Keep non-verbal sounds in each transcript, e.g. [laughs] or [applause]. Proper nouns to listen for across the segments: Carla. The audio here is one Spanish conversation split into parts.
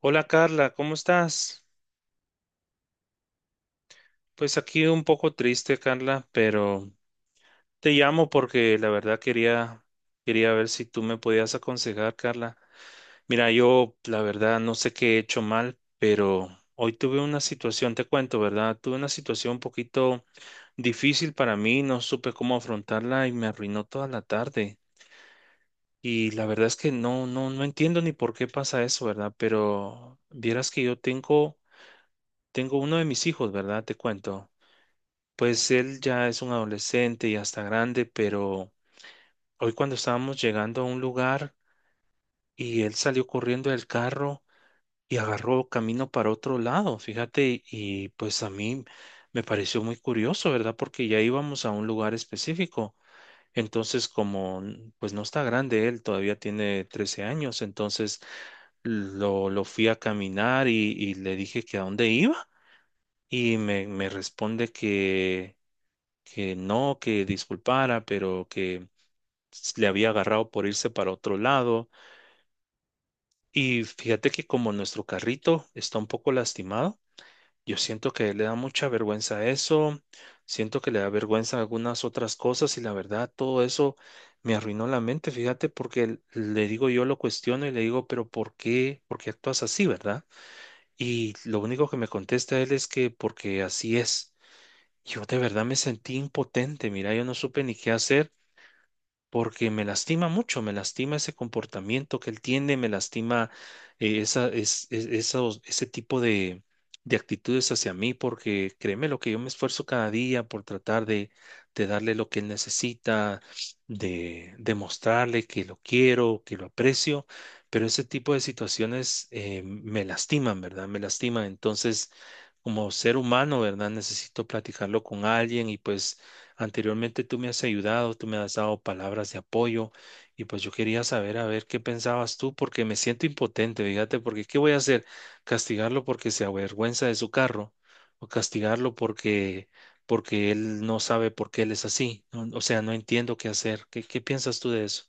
Hola Carla, ¿cómo estás? Pues aquí un poco triste, Carla, pero te llamo porque la verdad quería ver si tú me podías aconsejar, Carla. Mira, yo la verdad no sé qué he hecho mal, pero hoy tuve una situación, te cuento, ¿verdad? Tuve una situación un poquito difícil para mí, no supe cómo afrontarla y me arruinó toda la tarde. Y la verdad es que no entiendo ni por qué pasa eso, ¿verdad? Pero vieras que yo tengo, tengo uno de mis hijos, ¿verdad? Te cuento. Pues él ya es un adolescente y hasta grande, pero hoy cuando estábamos llegando a un lugar y él salió corriendo del carro y agarró camino para otro lado, fíjate, y pues a mí me pareció muy curioso, ¿verdad? Porque ya íbamos a un lugar específico. Entonces, como pues no está grande él, todavía tiene 13 años, entonces lo fui a caminar y le dije que a dónde iba y me responde que no, que disculpara, pero que le había agarrado por irse para otro lado. Y fíjate que como nuestro carrito está un poco lastimado, yo siento que le da mucha vergüenza eso, siento que le da vergüenza algunas otras cosas y la verdad todo eso me arruinó la mente, fíjate, porque le digo yo lo cuestiono y le digo, pero ¿por qué? ¿Por qué actúas así, verdad? Y lo único que me contesta él es que porque así es. Yo de verdad me sentí impotente, mira, yo no supe ni qué hacer. Porque me lastima mucho, me lastima ese comportamiento que él tiene, me lastima esa, es- esos- ese tipo de actitudes hacia mí, porque créeme lo que yo me esfuerzo cada día por tratar de darle lo que él necesita, de demostrarle que lo quiero, que lo aprecio, pero ese tipo de situaciones me lastiman, ¿verdad? Me lastiman. Entonces... Como ser humano, ¿verdad? Necesito platicarlo con alguien y pues anteriormente tú me has ayudado, tú me has dado palabras de apoyo y pues yo quería saber a ver qué pensabas tú porque me siento impotente, fíjate, porque ¿qué voy a hacer? ¿Castigarlo porque se avergüenza de su carro o castigarlo porque él no sabe por qué él es así? No, o sea, no entiendo qué hacer. ¿Qué, qué piensas tú de eso?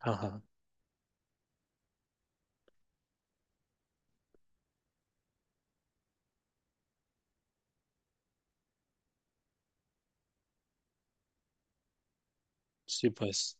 Ajá. Sí, pues.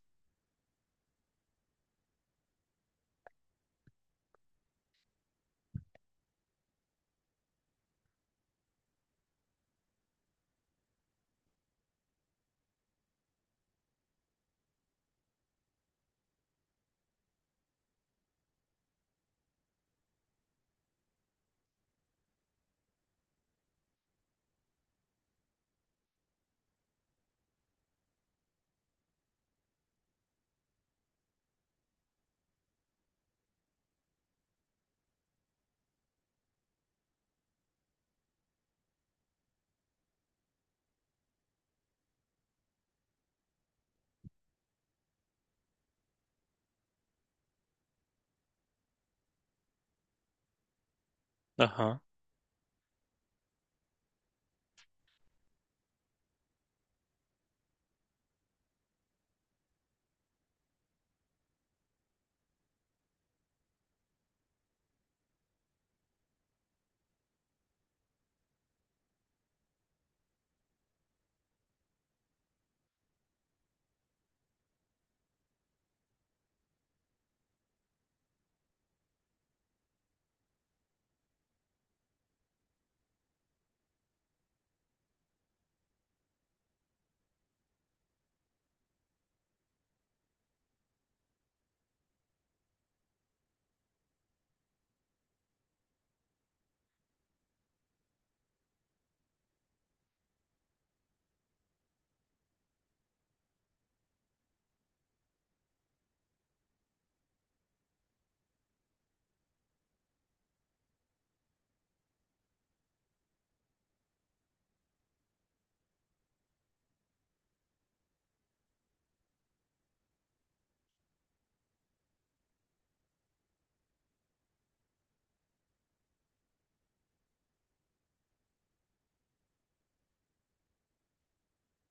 Ajá.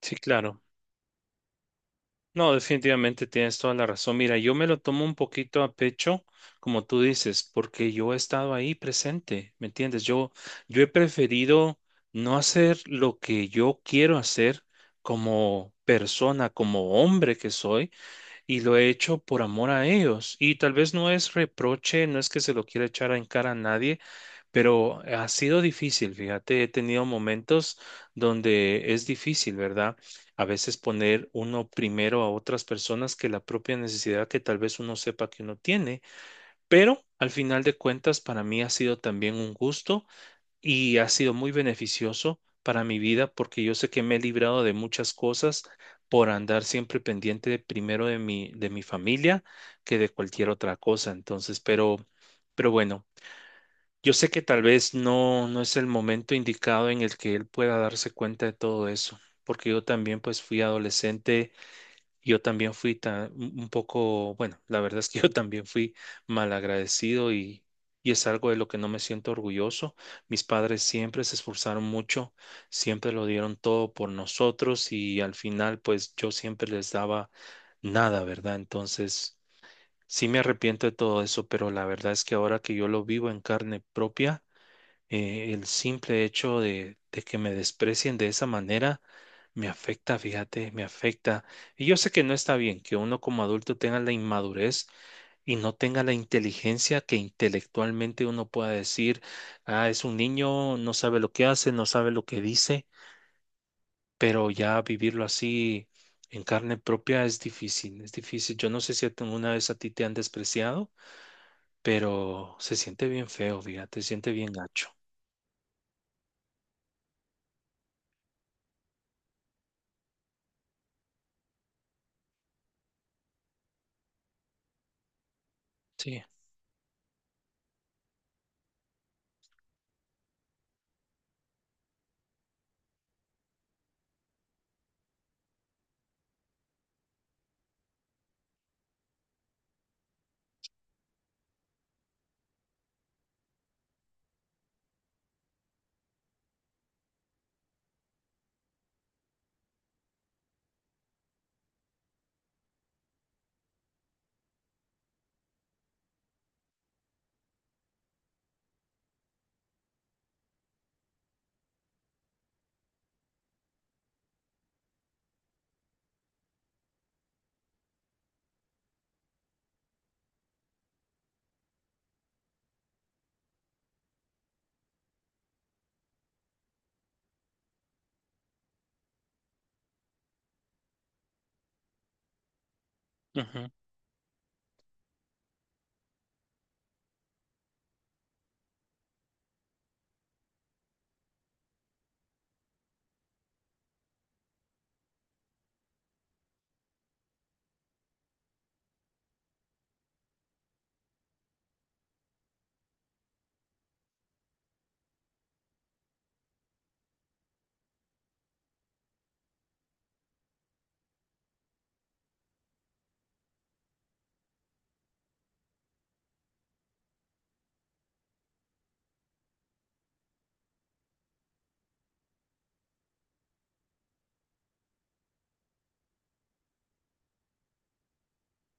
Sí, claro. No, definitivamente tienes toda la razón. Mira, yo me lo tomo un poquito a pecho, como tú dices, porque yo he estado ahí presente, ¿me entiendes? Yo he preferido no hacer lo que yo quiero hacer como persona, como hombre que soy y lo he hecho por amor a ellos. Y tal vez no es reproche, no es que se lo quiera echar en cara a nadie, pero ha sido difícil, fíjate, he tenido momentos donde es difícil, ¿verdad? A veces poner uno primero a otras personas que la propia necesidad que tal vez uno sepa que uno tiene, pero al final de cuentas para mí ha sido también un gusto y ha sido muy beneficioso para mi vida porque yo sé que me he librado de muchas cosas por andar siempre pendiente primero de de mi familia que de cualquier otra cosa. Entonces, pero bueno, yo sé que tal vez no es el momento indicado en el que él pueda darse cuenta de todo eso, porque yo también pues fui adolescente, yo también fui un poco, bueno, la verdad es que [laughs] yo también fui malagradecido y es algo de lo que no me siento orgulloso. Mis padres siempre se esforzaron mucho, siempre lo dieron todo por nosotros y al final pues yo siempre les daba nada, ¿verdad? Entonces sí me arrepiento de todo eso, pero la verdad es que ahora que yo lo vivo en carne propia, el simple hecho de que me desprecien de esa manera me afecta, fíjate, me afecta. Y yo sé que no está bien que uno como adulto tenga la inmadurez y no tenga la inteligencia que intelectualmente uno pueda decir, ah, es un niño, no sabe lo que hace, no sabe lo que dice, pero ya vivirlo así en carne propia es difícil, es difícil. Yo no sé si alguna vez a ti te han despreciado, pero se siente bien feo, fíjate, se siente bien gacho. Sí.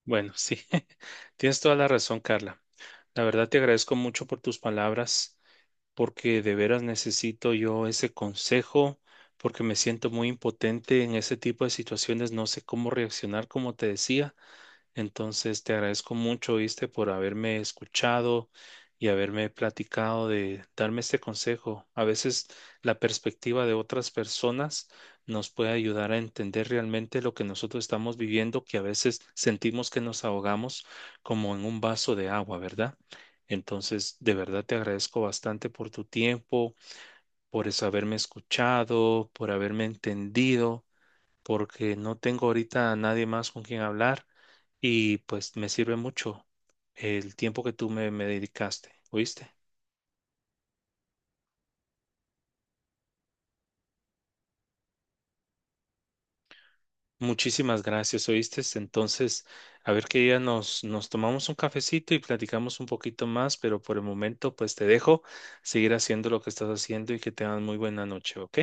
Bueno, sí, [laughs] tienes toda la razón, Carla. La verdad te agradezco mucho por tus palabras, porque de veras necesito yo ese consejo, porque me siento muy impotente en ese tipo de situaciones, no sé cómo reaccionar, como te decía. Entonces, te agradezco mucho, viste, por haberme escuchado y haberme platicado de darme este consejo. A veces la perspectiva de otras personas nos puede ayudar a entender realmente lo que nosotros estamos viviendo, que a veces sentimos que nos ahogamos como en un vaso de agua, ¿verdad? Entonces, de verdad te agradezco bastante por tu tiempo, por eso haberme escuchado, por haberme entendido porque no tengo ahorita a nadie más con quien hablar y pues me sirve mucho el tiempo que tú me dedicaste, ¿oíste? Muchísimas gracias, ¿oíste? Entonces, a ver qué día nos tomamos un cafecito y platicamos un poquito más, pero por el momento pues te dejo seguir haciendo lo que estás haciendo y que tengas muy buena noche, ¿ok?